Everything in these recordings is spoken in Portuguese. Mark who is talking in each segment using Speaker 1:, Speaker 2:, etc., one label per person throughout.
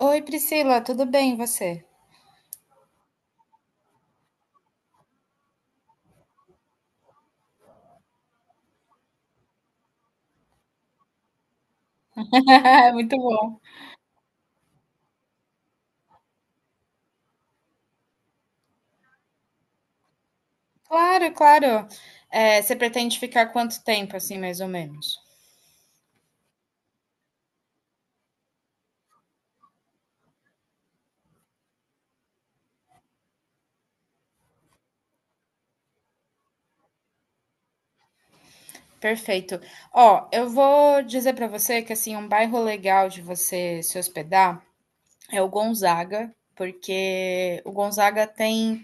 Speaker 1: Oi, Priscila, tudo bem e você? Muito bom. Claro, claro. É, você pretende ficar quanto tempo, assim, mais ou menos? Perfeito. Ó, eu vou dizer para você que assim um bairro legal de você se hospedar é o Gonzaga, porque o Gonzaga tem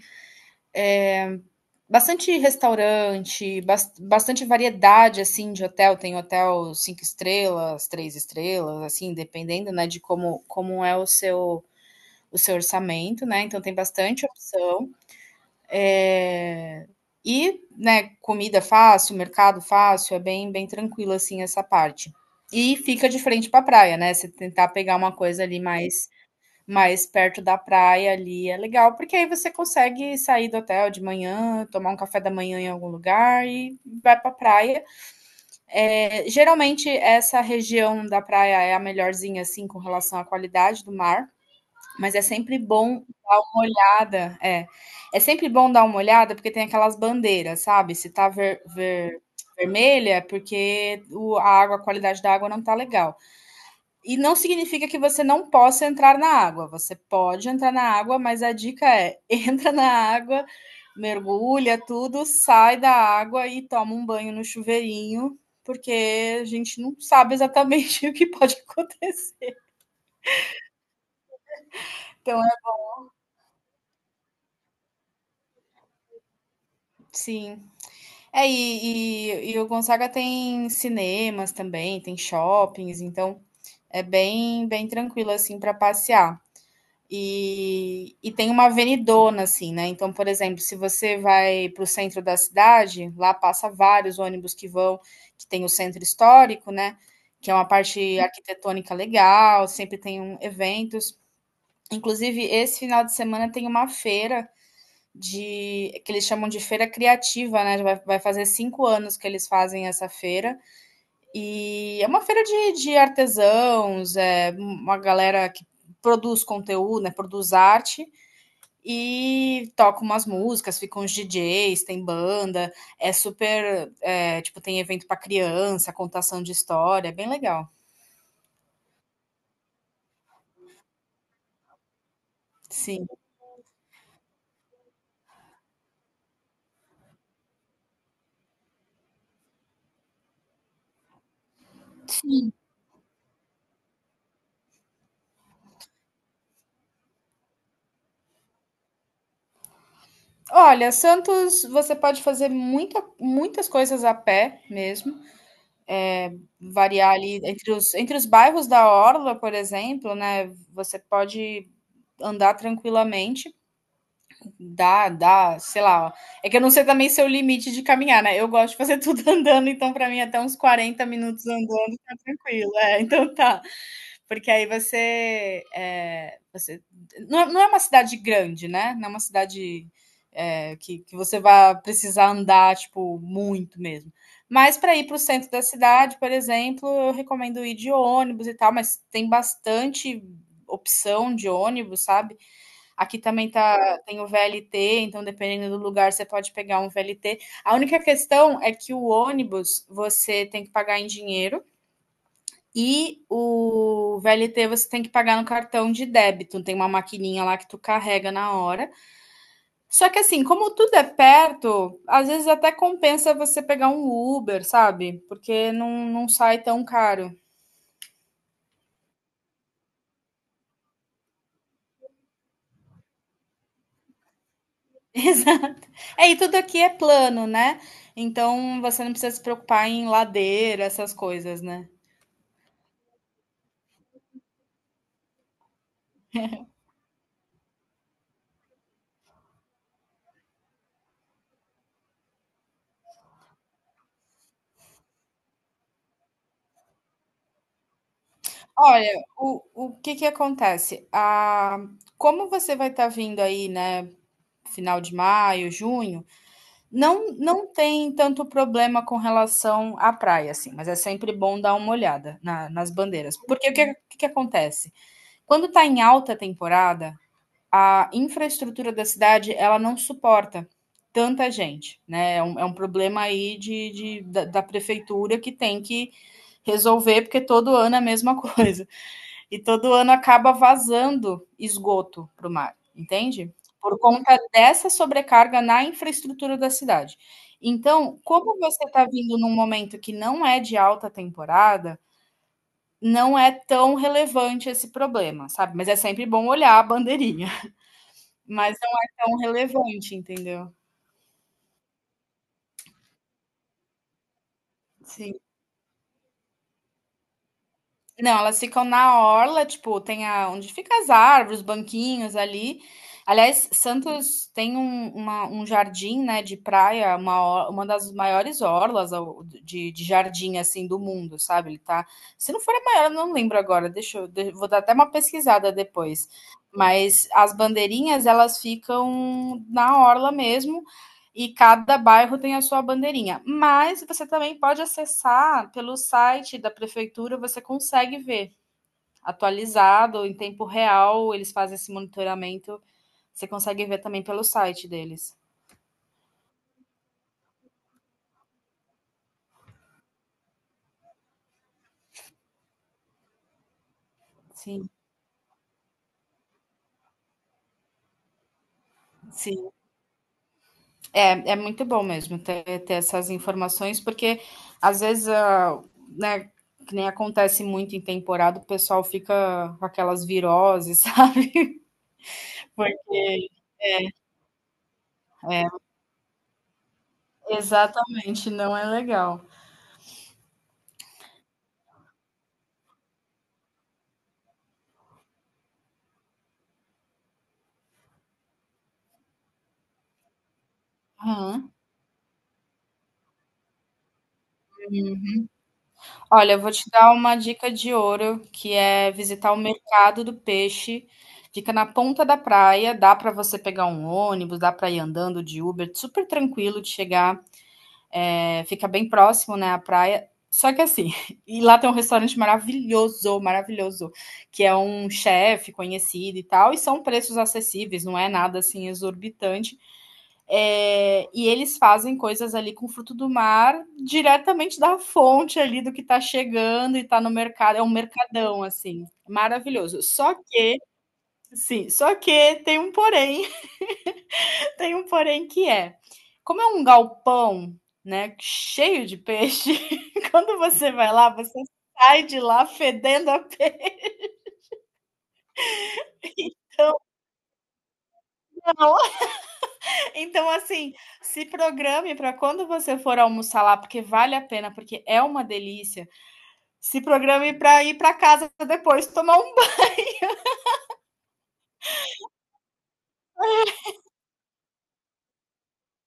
Speaker 1: bastante restaurante, bastante variedade assim de hotel. Tem hotel cinco estrelas, três estrelas, assim, dependendo, né, de como é o seu orçamento, né? Então tem bastante opção. É, e, né, comida fácil, mercado fácil, é bem, bem tranquilo assim essa parte. E fica de frente para a praia, né? Você tentar pegar uma coisa ali mais perto da praia ali é legal, porque aí você consegue sair do hotel de manhã, tomar um café da manhã em algum lugar e vai para a praia. É, geralmente essa região da praia é a melhorzinha assim com relação à qualidade do mar. Mas é sempre bom dar uma olhada, é. É sempre bom dar uma olhada porque tem aquelas bandeiras, sabe? Se tá vermelha é porque o, a água, a qualidade da água não tá legal. E não significa que você não possa entrar na água. Você pode entrar na água, mas a dica é: entra na água, mergulha tudo, sai da água e toma um banho no chuveirinho, porque a gente não sabe exatamente o que pode acontecer. Então, é, sim. É, e o Gonzaga tem cinemas também, tem shoppings, então é bem, bem tranquilo assim para passear. E tem uma avenidona, assim, né? Então, por exemplo, se você vai para o centro da cidade, lá passa vários ônibus que vão, que tem o centro histórico, né? Que é uma parte arquitetônica legal, sempre tem um, eventos. Inclusive, esse final de semana tem uma feira de que eles chamam de feira criativa, né? Vai fazer 5 anos que eles fazem essa feira e é uma feira de artesãos, é uma galera que produz conteúdo, né? Produz arte e toca umas músicas, ficam os DJs, tem banda, é super, é, tipo tem evento para criança, contação de história, é bem legal. Sim. Olha, Santos, você pode fazer muitas coisas a pé mesmo. Variar ali entre os bairros da orla, por exemplo, né, você pode andar tranquilamente, dá, sei lá, ó. É que eu não sei também seu limite de caminhar, né, eu gosto de fazer tudo andando, então para mim até uns 40 minutos andando tá tranquilo. É, então tá, porque aí você, é, você não, é, não, é uma cidade grande, né? Não é uma cidade é, que você vai precisar andar tipo muito mesmo. Mas para ir para o centro da cidade, por exemplo, eu recomendo ir de ônibus e tal, mas tem bastante opção de ônibus, sabe? Aqui também tá, tem o VLT, então dependendo do lugar você pode pegar um VLT. A única questão é que o ônibus você tem que pagar em dinheiro. E o VLT você tem que pagar no cartão de débito, tem uma maquininha lá que tu carrega na hora. Só que assim, como tudo é perto, às vezes até compensa você pegar um Uber, sabe? Porque não, não sai tão caro. Exato. É, e tudo aqui é plano, né? Então você não precisa se preocupar em ladeira, essas coisas, né? Olha, o que que acontece? Ah, como você vai estar vindo aí, né? Final de maio, junho, não não tem tanto problema com relação à praia, assim, mas é sempre bom dar uma olhada na nas bandeiras, porque o que que acontece? Quando está em alta temporada, a infraestrutura da cidade, ela não suporta tanta gente, né, é um problema aí de da da prefeitura que tem que resolver, porque todo ano é a mesma coisa e todo ano acaba vazando esgoto para o mar, entende? Por conta dessa sobrecarga na infraestrutura da cidade. Então, como você está vindo num momento que não é de alta temporada, não é tão relevante esse problema, sabe? Mas é sempre bom olhar a bandeirinha, mas não é tão relevante, entendeu? Sim. Não, elas ficam na orla, tipo, tem a, onde fica as árvores, os banquinhos ali. Aliás, Santos tem um, um jardim, né, de praia, uma, uma das maiores orlas de jardim, assim, do mundo, sabe? Ele tá, se não for a maior, eu não lembro agora, deixa eu, vou dar até uma pesquisada depois. Mas as bandeirinhas, elas ficam na orla mesmo, e cada bairro tem a sua bandeirinha. Mas você também pode acessar pelo site da prefeitura, você consegue ver atualizado, em tempo real, eles fazem esse monitoramento. Você consegue ver também pelo site deles. Sim, sim. É, é muito bom mesmo ter essas informações, porque às vezes, ah, né, que nem acontece muito em temporada, o pessoal fica com aquelas viroses, sabe? Foi. É, exatamente, não é legal. Aham. Olha, eu vou te dar uma dica de ouro, que é visitar o mercado do peixe. Fica na ponta da praia, dá para você pegar um ônibus, dá para ir andando de Uber, super tranquilo de chegar, fica bem próximo, né, à praia. Só que assim, e lá tem um restaurante maravilhoso, maravilhoso, que é um chefe conhecido e tal, e são preços acessíveis, não é nada assim exorbitante. É, e eles fazem coisas ali com fruto do mar diretamente da fonte ali do que está chegando e está no mercado. É um mercadão, assim, maravilhoso. Só que, sim, só que tem um porém, tem um porém que é, como é um galpão, né, cheio de peixe, quando você vai lá, você sai de lá fedendo a pena. Então, assim, se programe para quando você for almoçar lá, porque vale a pena, porque é uma delícia. Se programe para ir para casa depois tomar um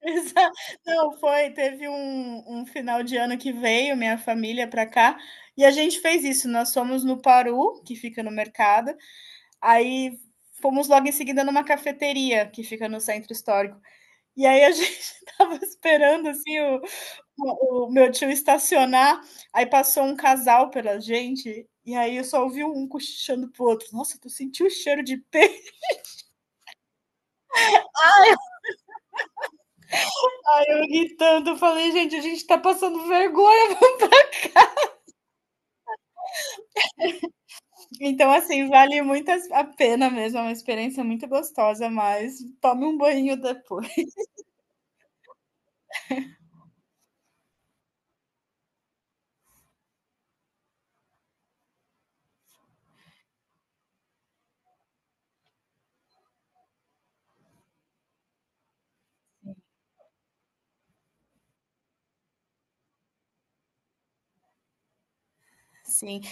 Speaker 1: banho. Não, foi. Teve um final de ano que veio minha família para cá e a gente fez isso. Nós fomos no Paru, que fica no mercado, aí fomos logo em seguida numa cafeteria que fica no centro histórico. E aí a gente tava esperando assim o, o meu tio estacionar, aí passou um casal pela gente e aí eu só ouvi um cochichando pro outro. Nossa, tu sentiu o cheiro de peixe? Eu gritando, falei, gente, a gente tá passando vergonha. Então, assim, vale muito a pena mesmo, é uma experiência muito gostosa, mas tome um banho depois. Sim.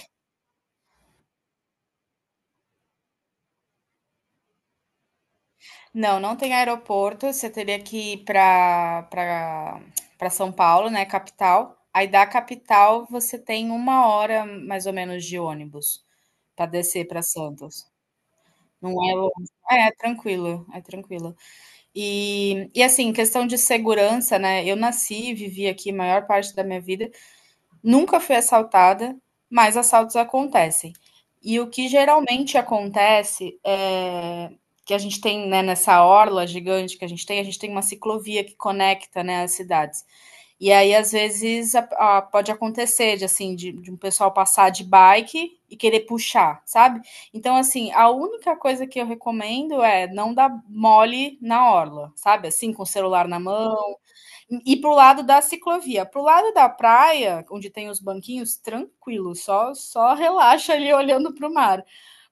Speaker 1: Não, não tem aeroporto, você teria que ir pra São Paulo, né, capital. Aí da capital você tem uma hora mais ou menos de ônibus pra descer pra Santos. Não é longe. É, é tranquilo, é tranquilo. E assim, questão de segurança, né? Eu nasci e vivi aqui a maior parte da minha vida, nunca fui assaltada, mas assaltos acontecem. E o que geralmente acontece é que a gente tem, né, nessa orla gigante que a gente tem uma ciclovia que conecta, né, as cidades. E aí, às vezes, pode acontecer de, assim, de um pessoal passar de bike e querer puxar, sabe? Então, assim, a única coisa que eu recomendo é não dar mole na orla, sabe? Assim, com o celular na mão. E para o lado da ciclovia. Para o lado da praia, onde tem os banquinhos, tranquilo, só relaxa ali olhando para o mar.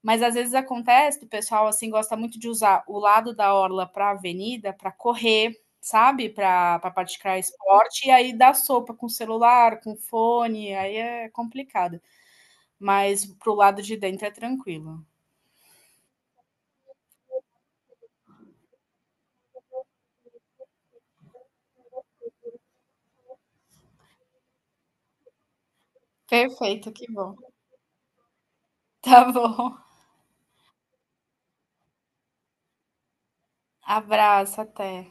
Speaker 1: Mas às vezes acontece, o pessoal assim gosta muito de usar o lado da orla para a avenida, para correr, sabe? Para praticar esporte, e aí dá sopa com celular, com fone, aí é complicado. Mas pro lado de dentro é tranquilo. Perfeito, que bom. Tá bom. Abraço, até.